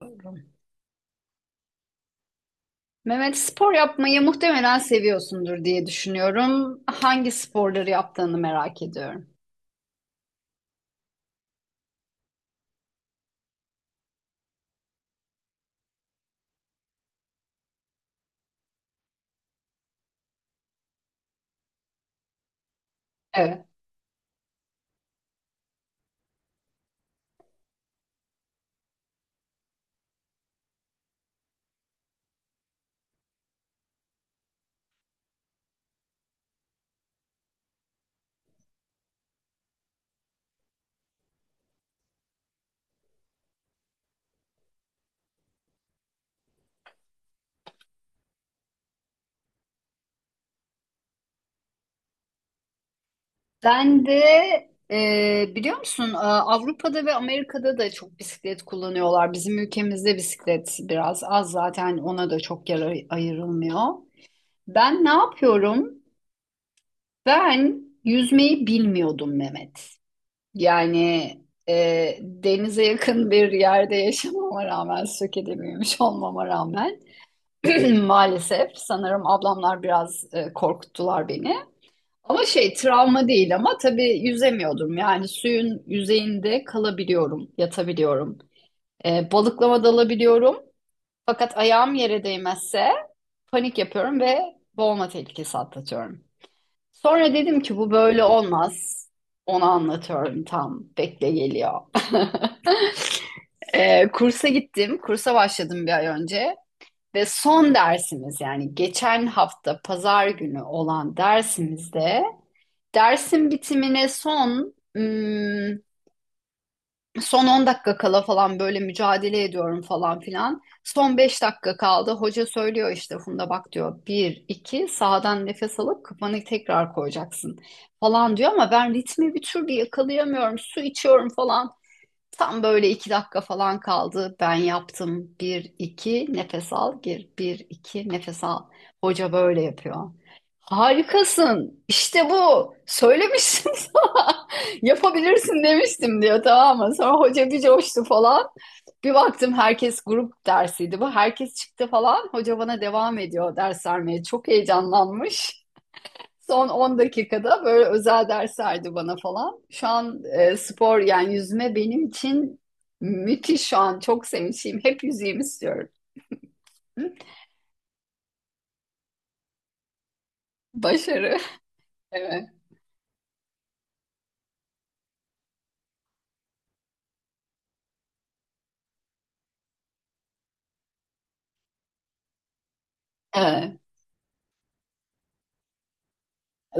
Doğru. Mehmet spor yapmayı muhtemelen seviyorsundur diye düşünüyorum. Hangi sporları yaptığını merak ediyorum. Evet. Ben de biliyor musun, Avrupa'da ve Amerika'da da çok bisiklet kullanıyorlar. Bizim ülkemizde bisiklet biraz az, zaten ona da çok yer ayrılmıyor. Ben ne yapıyorum? Ben yüzmeyi bilmiyordum Mehmet. Yani, e, denize yakın bir yerde yaşamama rağmen, Söke'de büyümüş olmama rağmen maalesef sanırım ablamlar biraz korkuttular beni. Ama şey, travma değil ama tabii yüzemiyordum. Yani suyun yüzeyinde kalabiliyorum, yatabiliyorum. Balıklama dalabiliyorum. Fakat ayağım yere değmezse panik yapıyorum ve boğulma tehlikesi atlatıyorum. Sonra dedim ki bu böyle olmaz. Onu anlatıyorum tam. Bekle, geliyor. Kursa gittim. Kursa başladım bir ay önce. Ve son dersimiz, yani geçen hafta pazar günü olan dersimizde, dersin bitimine son hmm, son 10 dakika kala falan böyle mücadele ediyorum falan filan. Son 5 dakika kaldı. Hoca söylüyor, işte Funda bak diyor, bir 2 sağdan nefes alıp kafanı tekrar koyacaksın falan diyor ama ben ritmi bir türlü yakalayamıyorum. Su içiyorum falan. Tam böyle 2 dakika falan kaldı. Ben yaptım. Bir, iki, nefes al, gir. Bir, iki, nefes al. Hoca böyle yapıyor. Harikasın. İşte bu. Söylemiştim sana. Yapabilirsin demiştim diyor, tamam mı? Sonra hoca bir coştu falan. Bir baktım, herkes, grup dersiydi bu, herkes çıktı falan. Hoca bana devam ediyor ders vermeye. Çok heyecanlanmış. Son 10 dakikada böyle özel ders verdi bana falan. Şu an spor, yani yüzme benim için müthiş şu an. Çok sevinçliyim. Hep yüzeyim istiyorum. Hı? Başarı. Evet. Evet.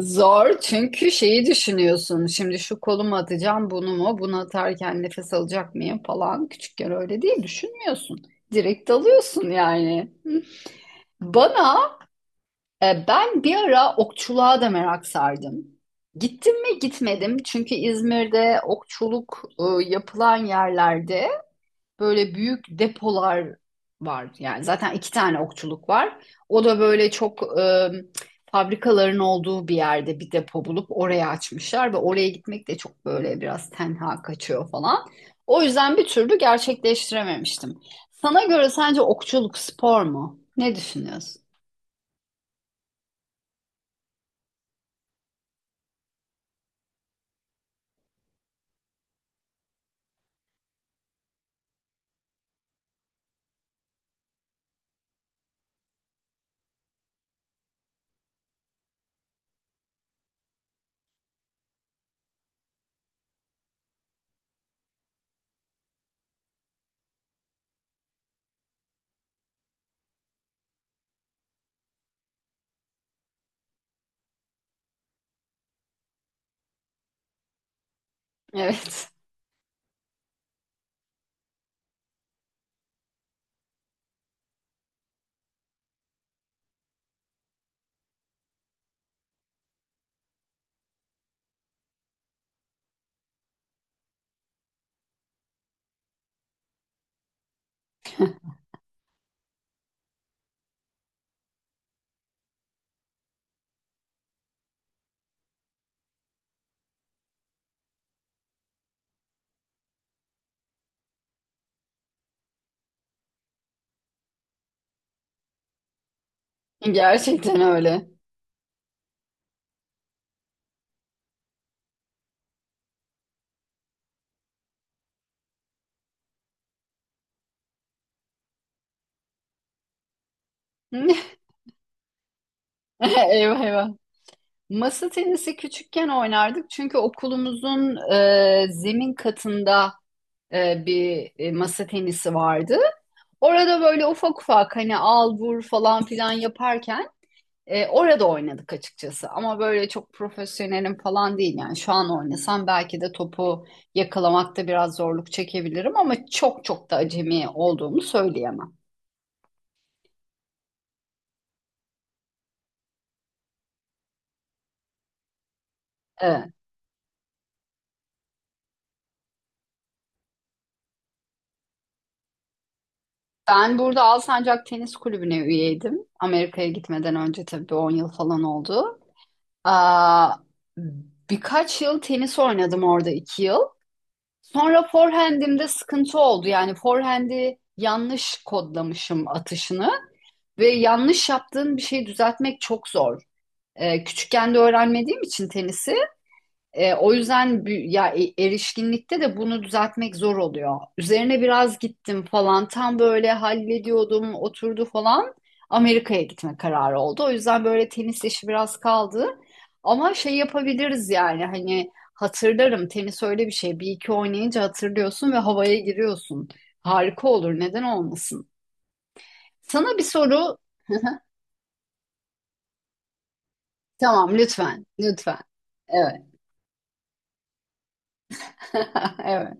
Zor, çünkü şeyi düşünüyorsun. Şimdi şu kolumu atacağım, bunu mu? Bunu atarken nefes alacak mıyım falan. Küçükken öyle değil, düşünmüyorsun. Direkt dalıyorsun yani. Hı. Bana Ben bir ara okçuluğa da merak sardım. Gittim mi, gitmedim, çünkü İzmir'de okçuluk yapılan yerlerde böyle büyük depolar var. Yani zaten iki tane okçuluk var. O da böyle çok, fabrikaların olduğu bir yerde bir depo bulup oraya açmışlar ve oraya gitmek de çok böyle biraz tenha kaçıyor falan. O yüzden bir türlü gerçekleştirememiştim. Sana göre, sence okçuluk spor mu? Ne düşünüyorsun? Evet. Gerçekten öyle. Eyvah, eyvah. Masa tenisi küçükken oynardık, çünkü okulumuzun zemin katında bir masa tenisi vardı. Orada böyle ufak ufak, hani al vur falan filan yaparken orada oynadık açıkçası. Ama böyle çok profesyonelim falan değil, yani şu an oynasam belki de topu yakalamakta biraz zorluk çekebilirim ama çok çok da acemi olduğumu söyleyemem. Evet. Ben burada Alsancak Tenis Kulübü'ne üyeydim. Amerika'ya gitmeden önce, tabii bir 10 yıl falan oldu. Aa, birkaç yıl tenis oynadım orada, 2 yıl. Sonra forehand'imde sıkıntı oldu. Yani forehand'i yanlış kodlamışım atışını ve yanlış yaptığın bir şeyi düzeltmek çok zor. Küçükken de öğrenmediğim için tenisi, o yüzden erişkinlikte de bunu düzeltmek zor oluyor. Üzerine biraz gittim falan. Tam böyle hallediyordum, oturdu falan. Amerika'ya gitme kararı oldu. O yüzden böyle tenis işi biraz kaldı. Ama şey yapabiliriz yani, hani hatırlarım, tenis öyle bir şey. Bir iki oynayınca hatırlıyorsun ve havaya giriyorsun. Harika olur, neden olmasın? Sana bir soru. Tamam, lütfen, lütfen. Evet, evet,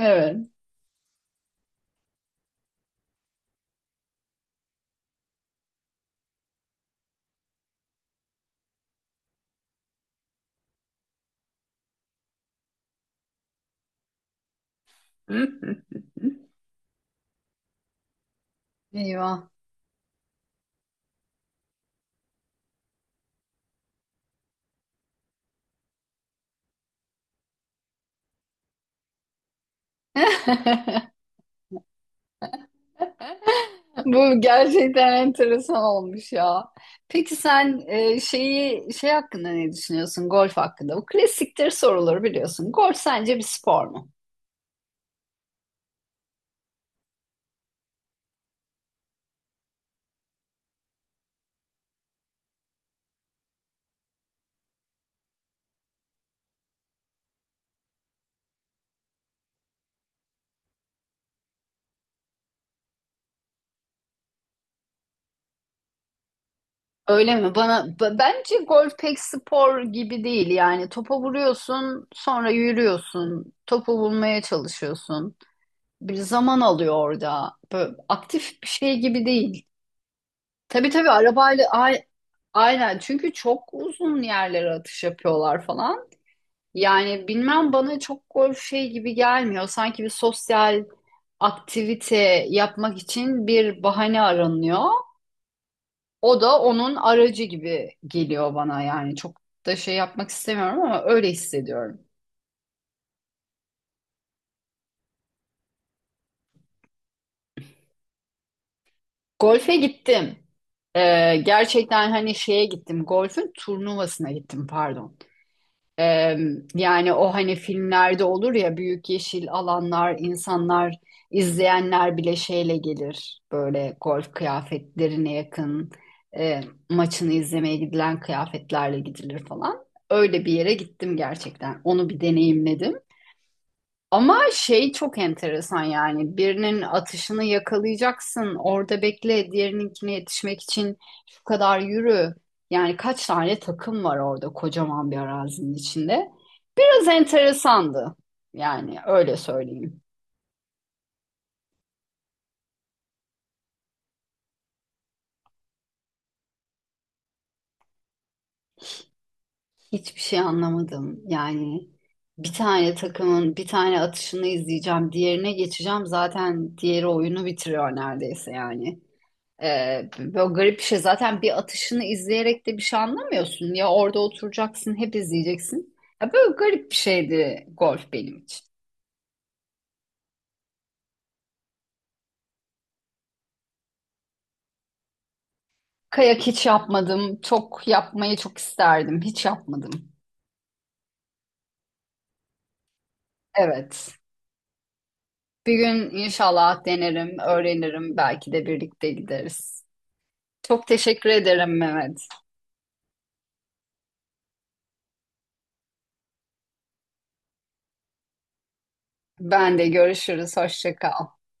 evet. Eyvah. Bu gerçekten enteresan olmuş ya. Peki sen, şeyi şey hakkında ne düşünüyorsun, golf hakkında? Bu klasiktir soruları, biliyorsun. Golf sence bir spor mu? Öyle mi? Bana bence golf pek spor gibi değil. Yani topa vuruyorsun, sonra yürüyorsun, topu bulmaya çalışıyorsun. Bir zaman alıyor orada. Böyle aktif bir şey gibi değil. Tabii, tabii arabayla, aynen, çünkü çok uzun yerlere atış yapıyorlar falan. Yani bilmem, bana çok golf şey gibi gelmiyor. Sanki bir sosyal aktivite yapmak için bir bahane aranıyor. O da onun aracı gibi geliyor bana yani. Çok da şey yapmak istemiyorum ama öyle hissediyorum. Golfe gittim. Gerçekten, hani şeye gittim, golfün turnuvasına gittim, pardon. Ee, yani o, hani filmlerde olur ya, büyük yeşil alanlar, insanlar, izleyenler bile şeyle gelir. Böyle golf kıyafetlerine yakın, e, maçını izlemeye gidilen kıyafetlerle gidilir falan. Öyle bir yere gittim gerçekten. Onu bir deneyimledim. Ama şey çok enteresan, yani birinin atışını yakalayacaksın, orada bekle, diğerininkine yetişmek için şu kadar yürü. Yani kaç tane takım var orada, kocaman bir arazinin içinde. Biraz enteresandı. Yani öyle söyleyeyim. Hiçbir şey anlamadım. Yani bir tane takımın bir tane atışını izleyeceğim, diğerine geçeceğim. Zaten diğeri oyunu bitiriyor neredeyse yani. Böyle garip bir şey. Zaten bir atışını izleyerek de bir şey anlamıyorsun. Ya orada oturacaksın, hep izleyeceksin. Ya böyle garip bir şeydi golf benim için. Kayak hiç yapmadım. Çok yapmayı çok isterdim. Hiç yapmadım. Evet. Bir gün inşallah denerim, öğrenirim. Belki de birlikte gideriz. Çok teşekkür ederim Mehmet. Ben de görüşürüz. Hoşça kal.